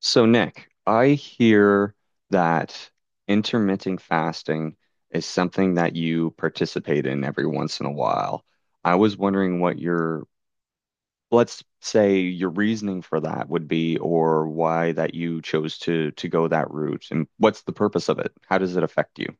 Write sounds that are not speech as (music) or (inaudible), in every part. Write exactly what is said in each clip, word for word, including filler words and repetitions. So, Nick, I hear that intermittent fasting is something that you participate in every once in a while. I was wondering what your, let's say your reasoning for that would be, or why that you chose to to go that route, and what's the purpose of it? How does it affect you?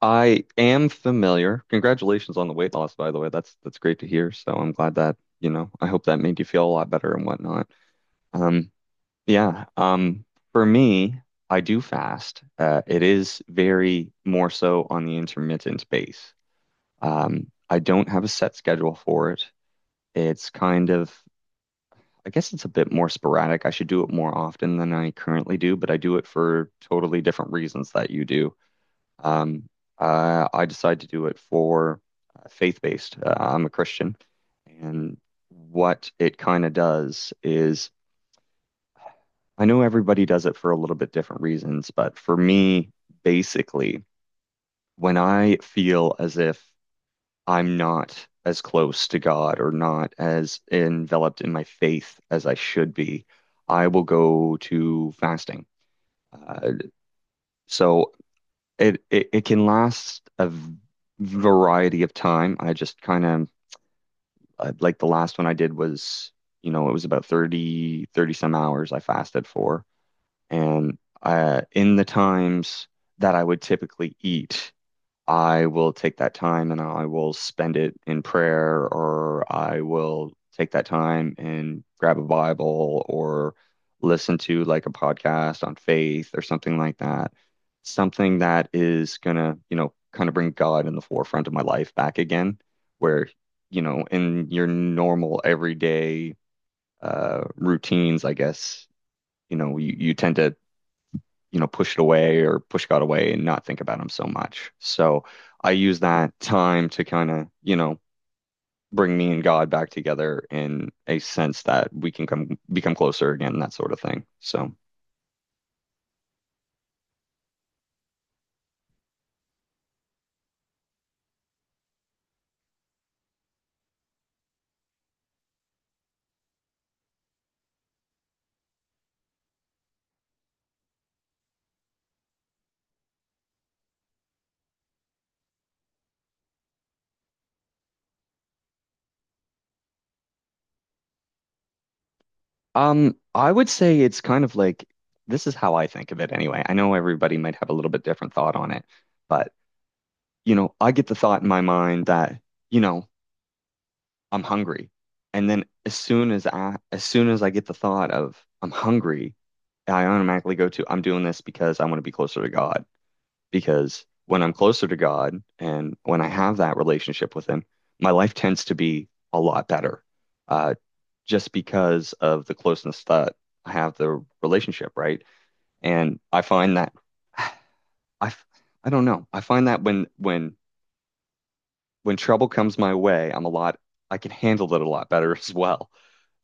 I am familiar. Congratulations on the weight loss, by the way. That's that's great to hear. So I'm glad that, you know, I hope that made you feel a lot better and whatnot. Um, Yeah. Um, for me, I do fast. Uh, it is very more so on the intermittent base. Um, I don't have a set schedule for it. It's kind of, I guess it's a bit more sporadic. I should do it more often than I currently do, but I do it for totally different reasons that you do. Um, uh, I decide to do it for uh, faith-based. Uh, I'm a Christian, and what it kind of does is I know everybody does it for a little bit different reasons, but for me, basically, when I feel as if I'm not as close to God or not as enveloped in my faith as I should be, I will go to fasting. Uh, so it, it it can last a v- variety of time. I just kind of like the last one I did was, you know, it was about thirty thirty some hours I fasted for. And uh, in the times that I would typically eat, I will take that time and I will spend it in prayer, or I will take that time and grab a Bible or listen to like a podcast on faith or something like that. Something that is gonna, you know, kind of bring God in the forefront of my life back again, where, you know, in your normal everyday uh routines, I guess, you know, you, you tend to you know, push it away or push God away and not think about him so much. So I use that time to kind of, you know, bring me and God back together in a sense that we can come become closer again, that sort of thing. So um I would say it's kind of like this is how I think of it anyway. I know everybody might have a little bit different thought on it, but you know, I get the thought in my mind that, you know, I'm hungry. And then as soon as I as soon as I get the thought of I'm hungry, I automatically go to I'm doing this because I want to be closer to God. Because when I'm closer to God and when I have that relationship with Him, my life tends to be a lot better. Uh, just because of the closeness that I have the relationship, right? And I find that (sighs) I f- I don't know. I find that when when when trouble comes my way, I'm a lot I can handle it a lot better (laughs) as well.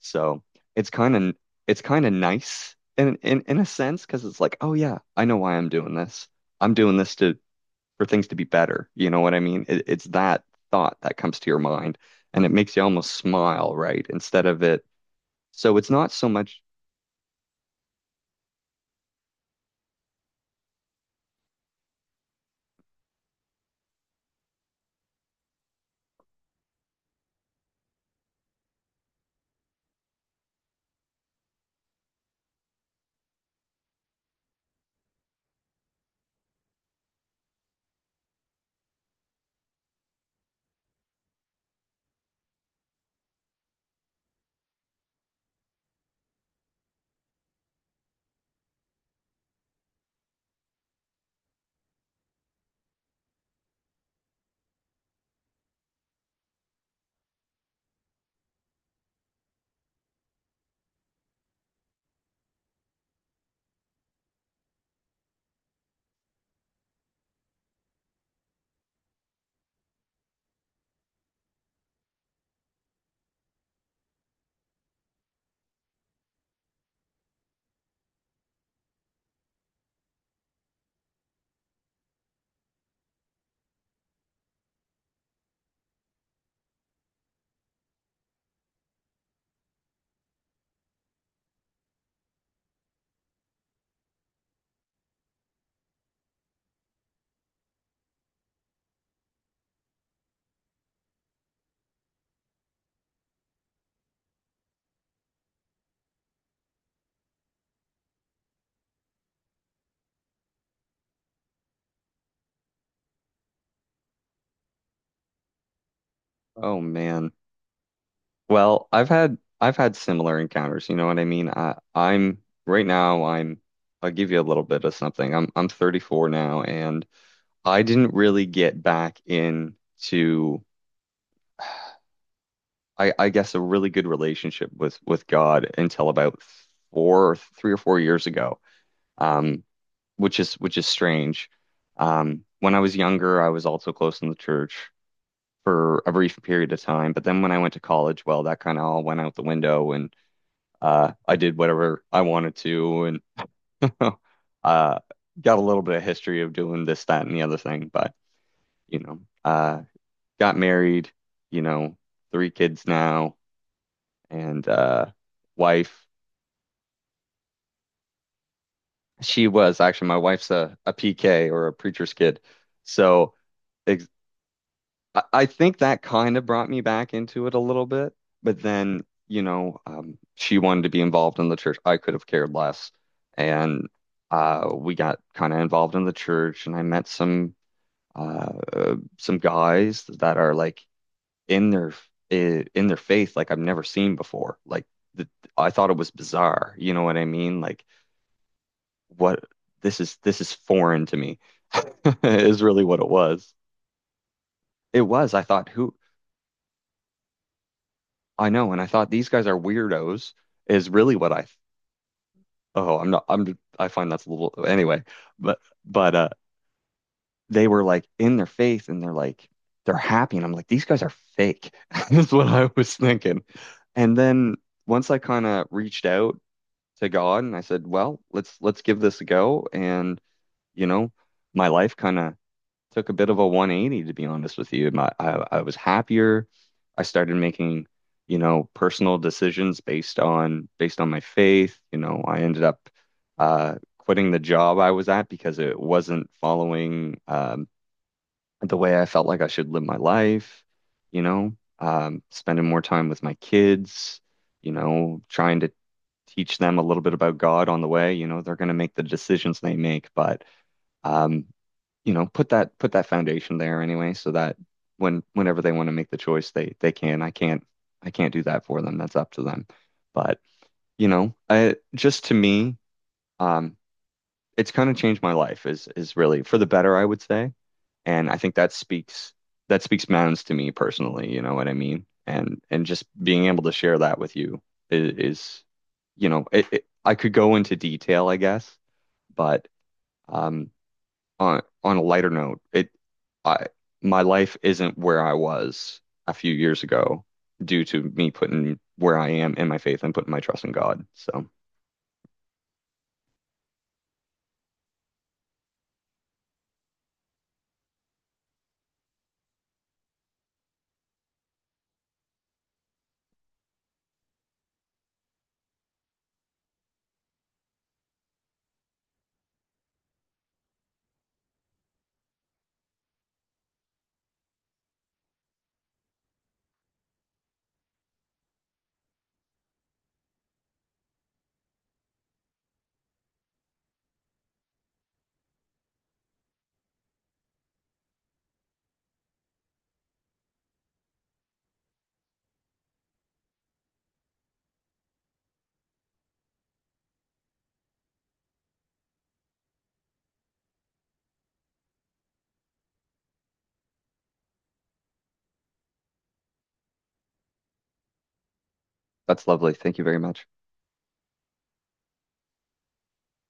So it's kind of it's kind of nice in in in a sense because it's like, oh yeah, I know why I'm doing this. I'm doing this to for things to be better. You know what I mean? It, it's that thought that comes to your mind, and it makes you almost smile, right? Instead of it, so it's not so much. Oh man. Well, I've had I've had similar encounters, you know what I mean? I I'm right now I'm I'll give you a little bit of something. I'm I'm thirty-four now, and I didn't really get back into, I I guess, a really good relationship with with God until about four or three or four years ago. Um which is which is strange. Um when I was younger, I was also close in the church for a brief period of time, but then when I went to college, well, that kind of all went out the window. And. uh, I did whatever I wanted to, and (laughs) uh, got a little bit of history of doing this, that, and the other thing. But, you know, uh, got married, you know, three kids now, and uh, wife. She was actually, my wife's a, a P K, or a preacher's kid. So ex I, I think that kind of brought me back into it a little bit, but then, you know, um, she wanted to be involved in the church. I could have cared less. And uh, we got kind of involved in the church, and I met some uh, uh, some guys that are like in their eh, in their faith, like I've never seen before. Like the, I thought it was bizarre. You know what I mean? Like what this is this is foreign to me (laughs) is really what it was. It was. I thought, who, I know, and I thought these guys are weirdos, is really what I... Oh, I'm not, I'm, I find that's a little, anyway. But but uh they were like in their faith and they're like they're happy, and I'm like, these guys are fake. (laughs) That's what I was thinking. And then once I kind of reached out to God and I said, well, let's let's give this a go, and you know, my life kind of took a bit of a one eighty, to be honest with you. My, I, I was happier. I started making, you know, personal decisions based on based on my faith. You know, I ended up uh, quitting the job I was at because it wasn't following um, the way I felt like I should live my life. You know, um, spending more time with my kids. You know, trying to teach them a little bit about God on the way. You know, they're going to make the decisions they make, but um, you know, put that put that foundation there anyway, so that when whenever they want to make the choice, they they can. I can't I can't do that for them. That's up to them. But you know, I just to me, um, it's kind of changed my life, is is really for the better, I would say. And I think that speaks, that speaks mountains to me personally. You know what I mean? And and just being able to share that with you is, is you know, it, it, I could go into detail, I guess, but. Um, on on a lighter note, it I my life isn't where I was a few years ago due to me putting where I am in my faith and putting my trust in God. So that's lovely. Thank you very much.